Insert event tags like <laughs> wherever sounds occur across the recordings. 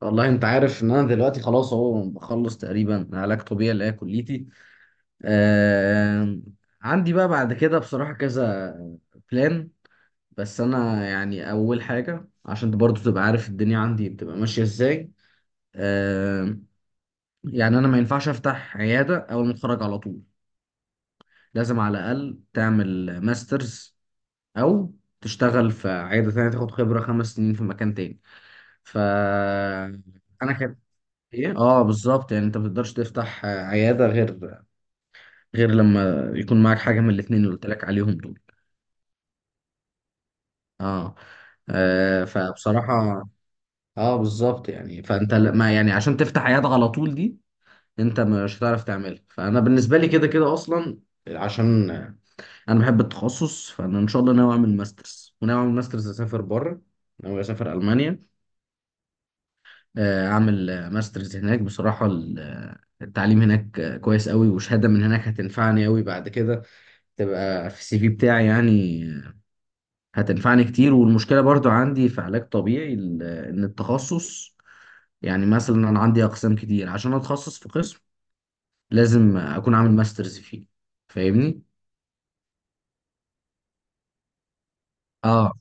والله انت عارف ان انا دلوقتي خلاص اهو بخلص تقريبا علاج طبيعي اللي هي كليتي. آه عندي بقى بعد كده بصراحة كذا بلان. بس انا يعني اول حاجة عشان برضو تبقى عارف الدنيا عندي بتبقى ماشية ازاي. آه يعني انا ما ينفعش افتح عيادة اول ما اتخرج على طول، لازم على الاقل تعمل ماسترز او تشتغل في عيادة تانية تاخد خبرة خمس سنين في مكان تاني. ف انا ايه اه بالظبط، يعني انت ما تقدرش تفتح عياده غير غير لما يكون معاك حاجه من الاثنين اللي قلت لك عليهم دول. اه، فبصراحه اه بالظبط، يعني فانت ل- ما يعني عشان تفتح عياده على طول دي انت مش هتعرف تعملها. فانا بالنسبه لي كده كده اصلا، عشان انا بحب التخصص، فانا ان شاء الله ناوي اعمل ماسترز، وناوي اعمل ماسترز اسافر بره، ناوي اسافر المانيا. اعمل ماسترز هناك. بصراحه التعليم هناك كويس قوي، وشهاده من هناك هتنفعني قوي بعد كده، تبقى في السي في بتاعي يعني، هتنفعني كتير. والمشكلة برضو عندي في علاج طبيعي ان التخصص، يعني مثلا انا عندي اقسام كتير، عشان اتخصص في قسم لازم اكون عامل ماسترز فيه. فاهمني؟ اه.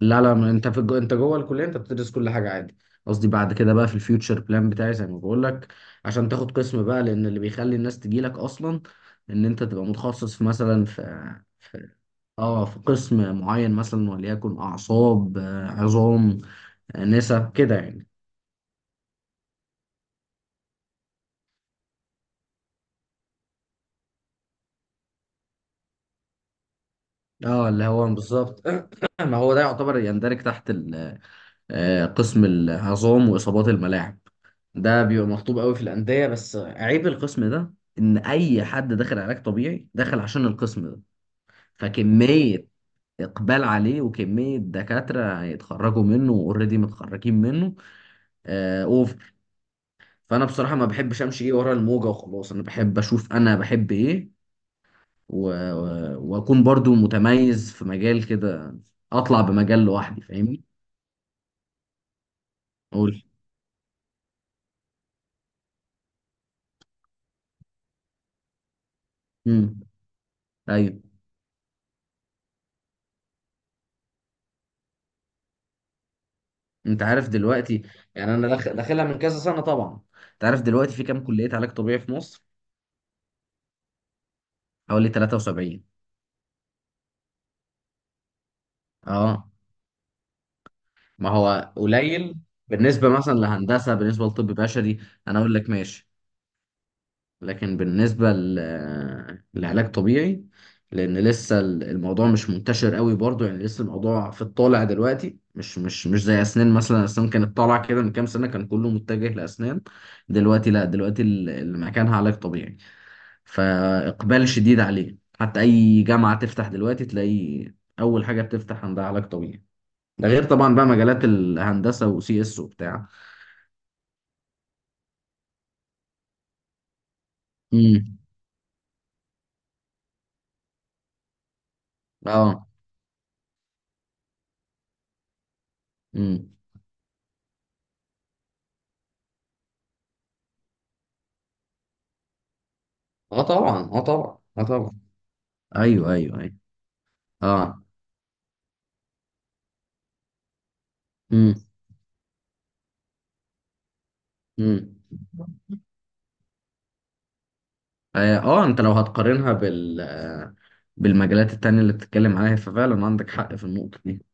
لا لا، ما انت في الجو... انت جوه الكليه انت بتدرس كل حاجه عادي. قصدي بعد كده بقى في الفيوتشر بلان بتاعي زي ما بقول لك، عشان تاخد قسم بقى، لان اللي بيخلي الناس تجي لك اصلا ان انت تبقى متخصص في مثلا في قسم معين، مثلا وليكن اعصاب، عظام، نسا كده يعني. اه اللي هو بالظبط <clears throat> ما هو ده يعتبر يندرج تحت قسم العظام واصابات الملاعب. ده بيبقى مطلوب قوي في الانديه، بس عيب القسم ده ان اي حد داخل علاج طبيعي داخل عشان القسم ده. فكميه اقبال عليه، وكميه دكاتره هيتخرجوا منه واوريدي متخرجين منه، اوف. فانا بصراحه ما بحبش امشي ايه ورا الموجه وخلاص، انا بحب اشوف، انا بحب ايه و... و- واكون برضو متميز في مجال كده، اطلع بمجال لوحدي. فاهمني؟ قول. امم، ايوه. انت عارف دلوقتي، يعني انا داخلها من كذا سنه طبعا. انت عارف دلوقتي في كام كليه علاج طبيعي في مصر؟ حوالي 73. اه، ما هو قليل بالنسبه مثلا لهندسه، بالنسبه لطب بشري انا اقول لك ماشي، لكن بالنسبة لعلاج طبيعي لأن لسه الموضوع مش منتشر قوي برضو، يعني لسه الموضوع في الطالع دلوقتي، مش زي أسنان مثلا. أسنان كانت طالعة كده من كام سنة، كان كله متجه لأسنان. دلوقتي لا، دلوقتي اللي مكانها علاج طبيعي، فإقبال شديد عليه، حتى أي جامعة تفتح دلوقتي تلاقي أول حاجة بتفتح عندها علاج طبيعي. ده غير طبعا بقى مجالات الهندسة وسي اس وبتاع. امم، اه، امم، اه طبعا، اه طبعا، اه طبعا، ايوه ايوه ايوه، اه، امم، امم. اه، انت لو هتقارنها بالمجالات التانية اللي بتتكلم عليها ففعلا عندك حق في النقطة دي.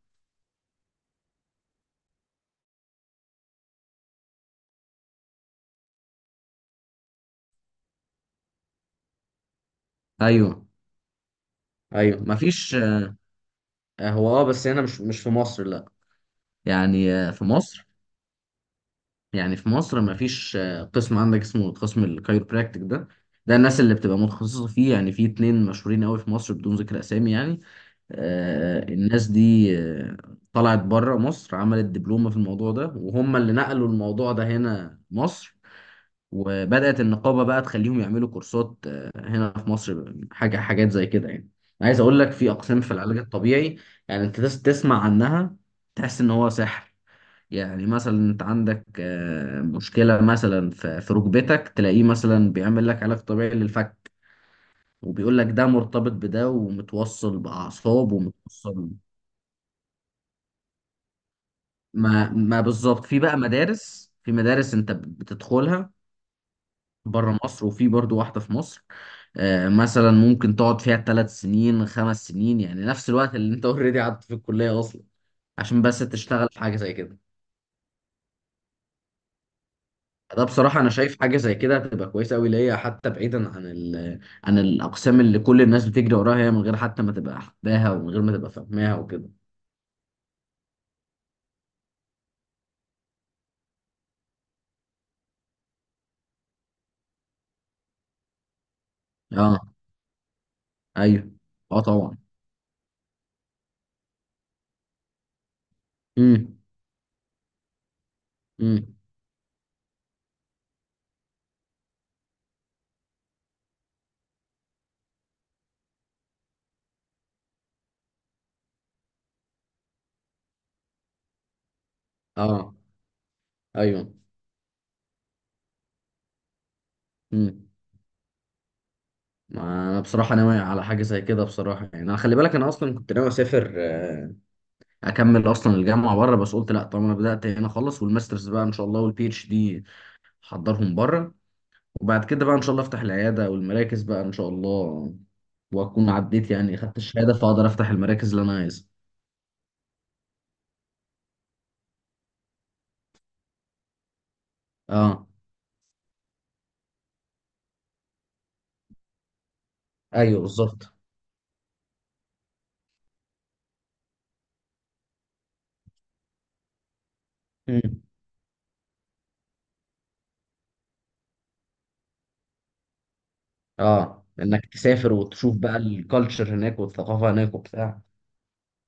ايوه، ايوه مفيش. هو اه بس هنا، مش في مصر لا، يعني في مصر، يعني في مصر مفيش قسم عندك اسمه قسم الكايروبراكتيك ده. ده الناس اللي بتبقى متخصصة فيه، يعني في اتنين مشهورين قوي في مصر، بدون ذكر اسامي يعني. آه الناس دي طلعت بره مصر، عملت دبلومة في الموضوع ده، وهم اللي نقلوا الموضوع ده هنا مصر. وبدأت النقابة بقى تخليهم يعملوا كورسات هنا في مصر، حاجة حاجات زي كده يعني. عايز أقول لك في أقسام في العلاج الطبيعي، يعني أنت تسمع عنها تحس إن هو سحر. يعني مثلا أنت عندك مشكلة مثلا في ركبتك، تلاقيه مثلا بيعمل لك علاج طبيعي للفك، وبيقول لك ده مرتبط بده ومتوصل بأعصاب ومتوصل. ما بالظبط، في بقى مدارس، في مدارس أنت بتدخلها بره مصر، وفي برضو واحدة في مصر. مثلا ممكن تقعد فيها ثلاث سنين، خمس سنين، يعني نفس الوقت اللي انت اوريدي قعدت في الكلية اصلا، عشان بس تشتغل في حاجة زي كده. ده بصراحة أنا شايف حاجة زي كده هتبقى كويسة أوي ليا، حتى بعيدا عن الأقسام اللي كل الناس بتجري وراها، هي من غير حتى ما تبقى حباها، ومن غير ما تبقى فاهماها وكده. أه، أيوه، أه طبعا، امم، امم، أه، أيوه، امم. ما أنا بصراحة ناوي على حاجة زي كده بصراحة، يعني أنا خلي بالك أنا أصلا كنت ناوي أسافر، اكمل اصلا الجامعه بره، بس قلت لا طالما انا بدات هنا خلص، والماسترز بقى ان شاء الله والبي اتش دي حضرهم بره. وبعد كده بقى ان شاء الله افتح العياده والمراكز بقى ان شاء الله، واكون عديت يعني خدت الشهاده، فاقدر افتح المراكز اللي انا عايزها. اه، ايوه بالظبط، مم. اه، انك تسافر وتشوف بقى الكالتشر هناك والثقافه هناك وبتاع.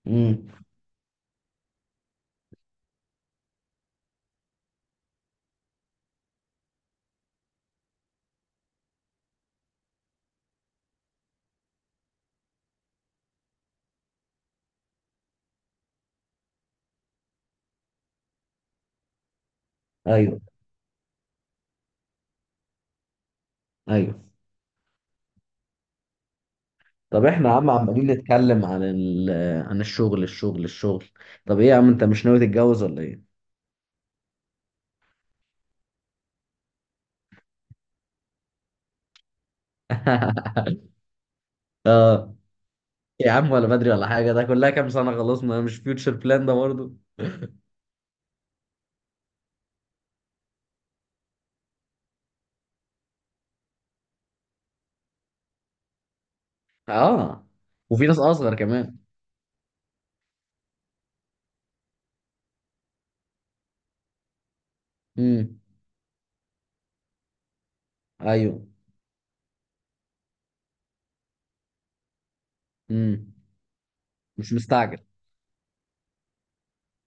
امم، ايوه، ايوه. طب احنا يا عم عمالين نتكلم عن عن الشغل الشغل الشغل. طب ايه يا عم، انت مش ناوي تتجوز ولا ايه؟ <laughs> اه. يا عم ولا بدري ولا حاجه، ده كلها كام سنه خلصنا، مش فيوتشر بلان ده برضه؟ اه. وفي ناس اصغر كمان. امم، ايوه، امم. مش مستعجل.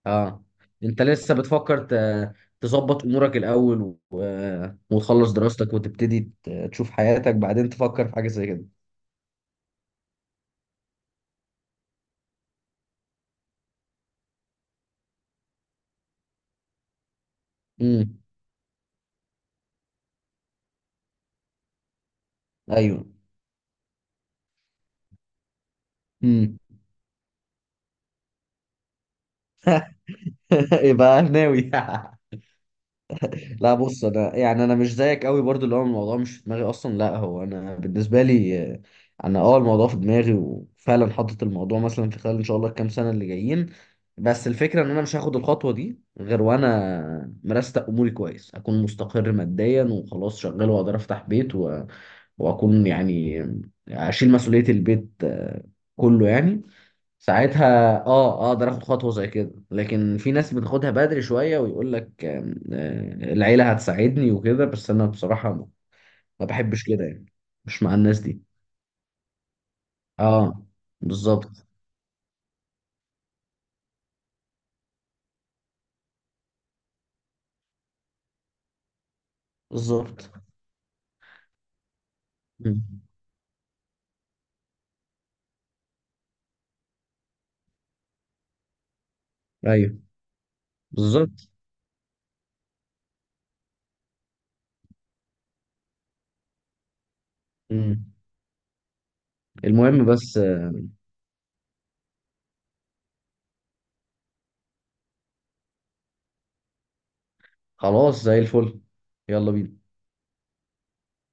اه، انت لسه بتفكر تظبط امورك الاول، وتخلص دراستك، وتبتدي تشوف حياتك، بعدين تفكر في حاجه زي كده. امم، ايوه، امم. <laughs> يبقى ناوي. <laughs> لا بص انا، يعني انا مش زيك قوي برضو اللي هو الموضوع مش في دماغي اصلا، لا هو انا بالنسبه لي انا اه الموضوع في دماغي، وفعلا حاطط الموضوع مثلا في خلال ان شاء الله الكام سنه اللي جايين. بس الفكره ان انا مش هاخد الخطوه دي غير وانا مرستق اموري كويس، اكون مستقر ماديا وخلاص شغال واقدر افتح بيت واكون يعني اشيل مسؤوليه البيت، كله يعني. ساعتها اه اقدر اخد خطوه زي كده. لكن في ناس بتاخدها بدري شويه، ويقول لك آم، آه، العيله هتساعدني وكده، بس انا بصراحه ما بحبش كده يعني، مش مع الناس دي. اه بالظبط، بالظبط، مم. ايوه بالظبط، مم. المهم بس، خلاص زي الفل، يلا بينا.